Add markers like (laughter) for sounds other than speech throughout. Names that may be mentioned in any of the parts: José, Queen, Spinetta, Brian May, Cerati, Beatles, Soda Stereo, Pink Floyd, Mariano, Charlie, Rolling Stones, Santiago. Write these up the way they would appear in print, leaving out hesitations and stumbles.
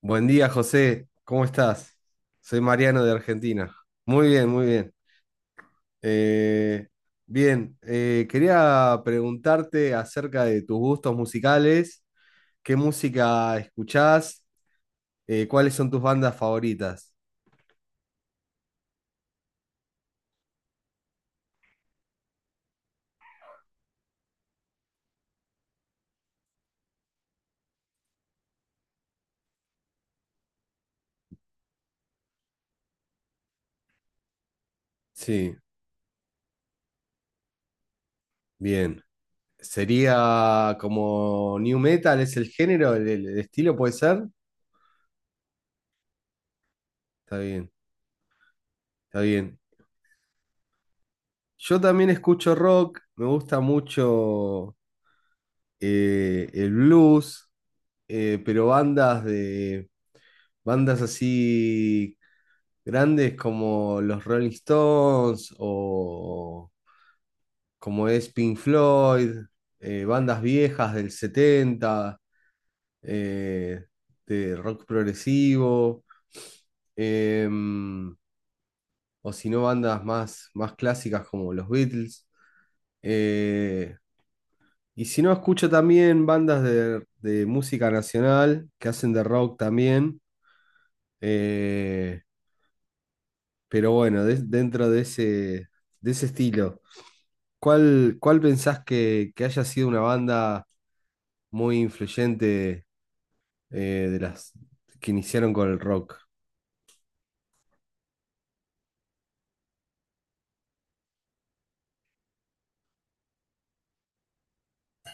Buen día, José. ¿Cómo estás? Soy Mariano de Argentina. Muy bien, muy bien. Eh, quería preguntarte acerca de tus gustos musicales. ¿Qué música escuchás? ¿Cuáles son tus bandas favoritas? Sí, bien. ¿Sería como new metal? ¿Es el género, el estilo puede ser? Está bien, está bien. Yo también escucho rock. Me gusta mucho el blues. Pero bandas de bandas así grandes como los Rolling Stones o como es Pink Floyd, bandas viejas del setenta, eh, de rock progresivo, em, o si no, bandas más, más clásicas como los Beatles. Eh, y si no, escucho también bandas de música nacional que hacen de rock también. eh, Pero bueno, dentro de ese estilo, ¿cuál pensás que haya sido una banda muy influyente, de las que iniciaron con el rock?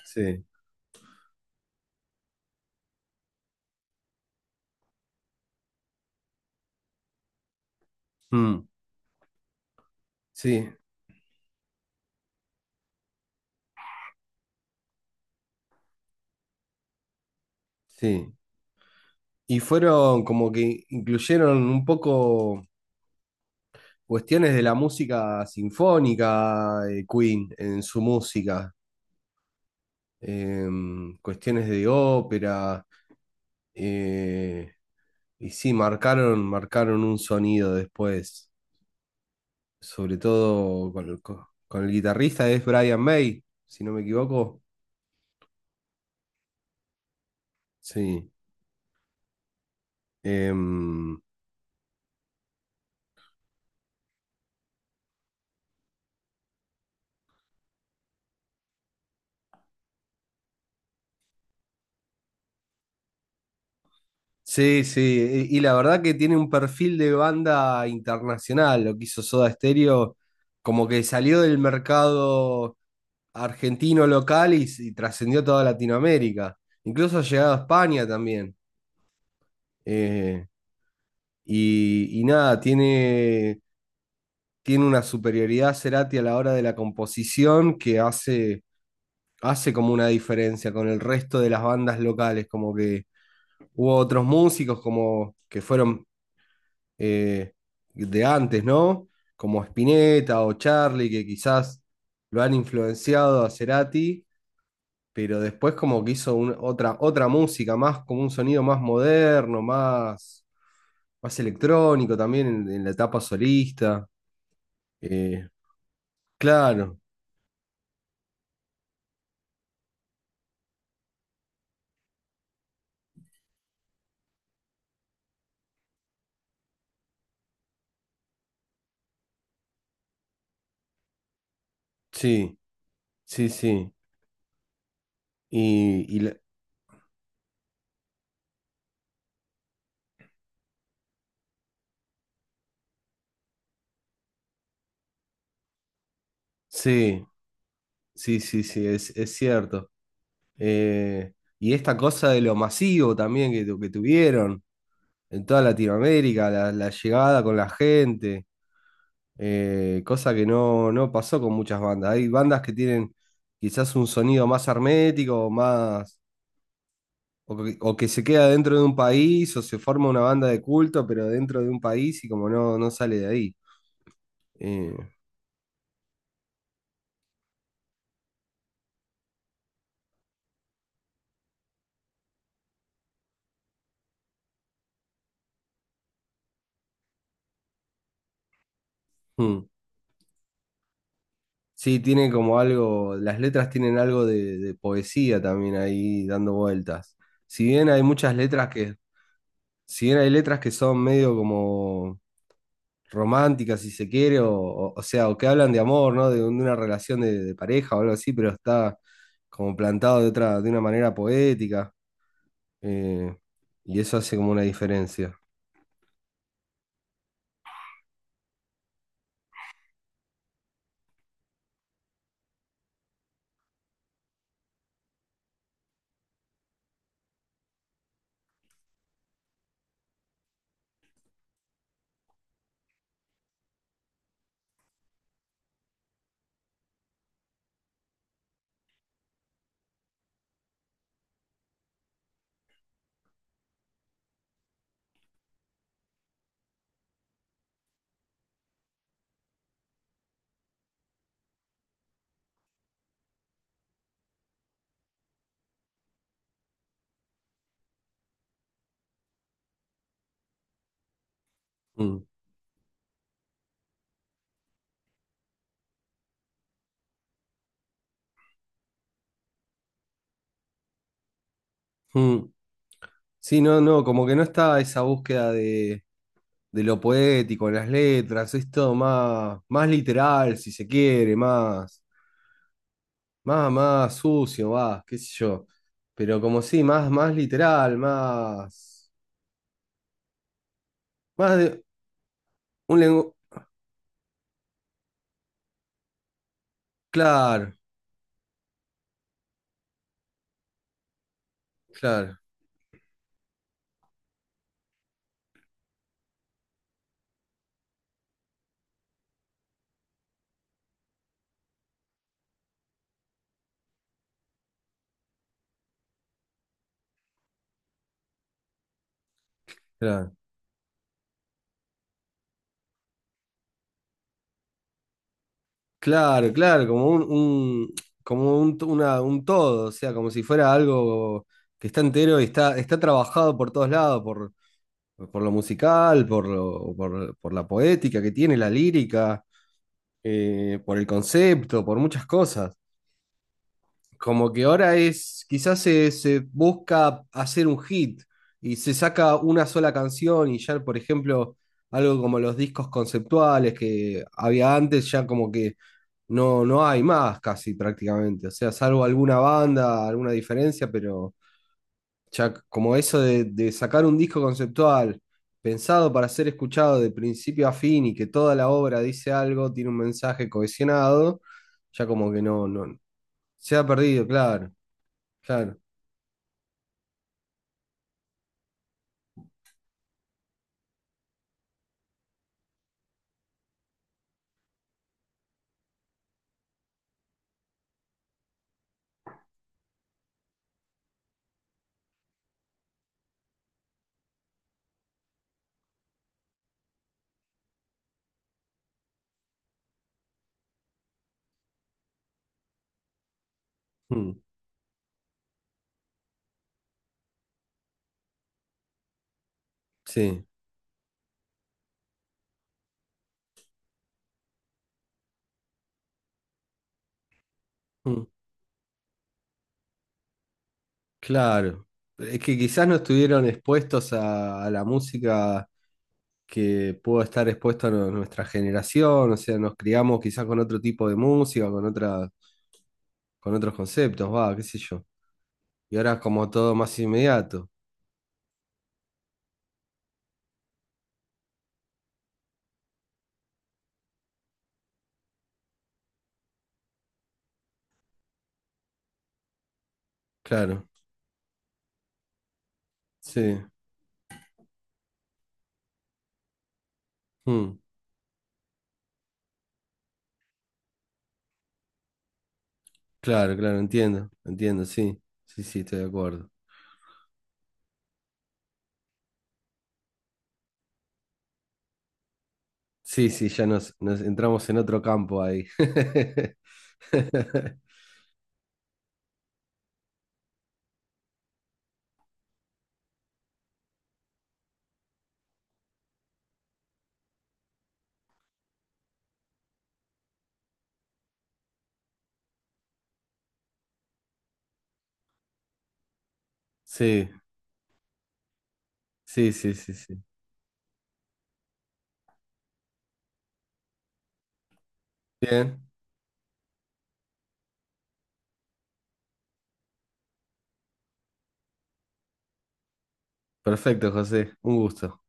Sí. Mm, sí, sí. Y fueron como que incluyeron un poco cuestiones de la música sinfónica, Queen, en su música, cuestiones de ópera, eh, y sí, marcaron, marcaron un sonido después, sobre todo con, con el guitarrista, es Brian May, si no me equivoco. Sí. Em, sí, sí, y la verdad que tiene un perfil de banda internacional, lo que hizo Soda Stereo, como que salió del mercado argentino local y trascendió toda Latinoamérica, incluso ha llegado a España también. Eh, y, y nada, tiene, tiene una superioridad Cerati a la hora de la composición que hace, hace como una diferencia con el resto de las bandas locales, como que hubo otros músicos como que fueron, eh, de antes, ¿no? Como Spinetta o Charlie, que quizás lo han influenciado a Cerati, pero después como que hizo otra, otra música, más como un sonido más moderno, más, más electrónico también en la etapa solista. Eh, claro, sí, sí, sí. Y, sí. Sí, sí, sí, es cierto. Eh, y esta cosa de lo masivo también que, que tuvieron en toda Latinoamérica, la llegada con la gente, cosa que no, no pasó con muchas bandas. Hay bandas que tienen quizás un sonido más hermético, más, o que se queda dentro de un país, o se forma una banda de culto, pero dentro de un país y como no, no sale de ahí. Eh, mm. Sí, tiene como algo, las letras tienen algo de poesía también ahí dando vueltas. Si bien hay muchas letras que, si bien hay letras que son medio como románticas, si se quiere, o sea, o que hablan de amor, ¿no? De, de una relación de pareja o algo así, pero está como plantado de otra, de una manera poética, eh, y eso hace como una diferencia. Mm. Mm. Sí, no, no, como que no está esa búsqueda de lo poético en las letras, es todo más, más literal, si se quiere, más, más, más sucio, más, qué sé yo. Pero como sí, más, más literal, más, más de un lenguaje. Claro, claro, claro. Claro, claro, como como un, un todo, o sea, como si fuera algo que está entero y está, está trabajado por todos lados, por lo musical, por la poética que tiene, la lírica, por el concepto, por muchas cosas. Como que ahora es, quizás se, se busca hacer un hit y se saca una sola canción y ya, por ejemplo, algo como los discos conceptuales que había antes, ya como que no, no hay más casi prácticamente. O sea, salvo alguna banda, alguna diferencia, pero ya como eso de sacar un disco conceptual pensado para ser escuchado de principio a fin y que toda la obra dice algo, tiene un mensaje cohesionado, ya como que no, no se ha perdido, claro. Claro, mm, sí, mm, claro. Es que quizás no estuvieron expuestos a la música que pudo estar expuesta a nuestra generación, o sea, nos criamos quizás con otro tipo de música, con otra, con otros conceptos, va, qué sé yo. Y ahora es como todo más inmediato, claro, sí, mm, claro, claro, entiendo, entiendo, sí, sí, sí, estoy de acuerdo. Sí, sí, ya nos, nos entramos en otro campo ahí. (laughs) (laughs) Sí. Sí, sí, sí, sí. Bien, perfecto, José. Un gusto.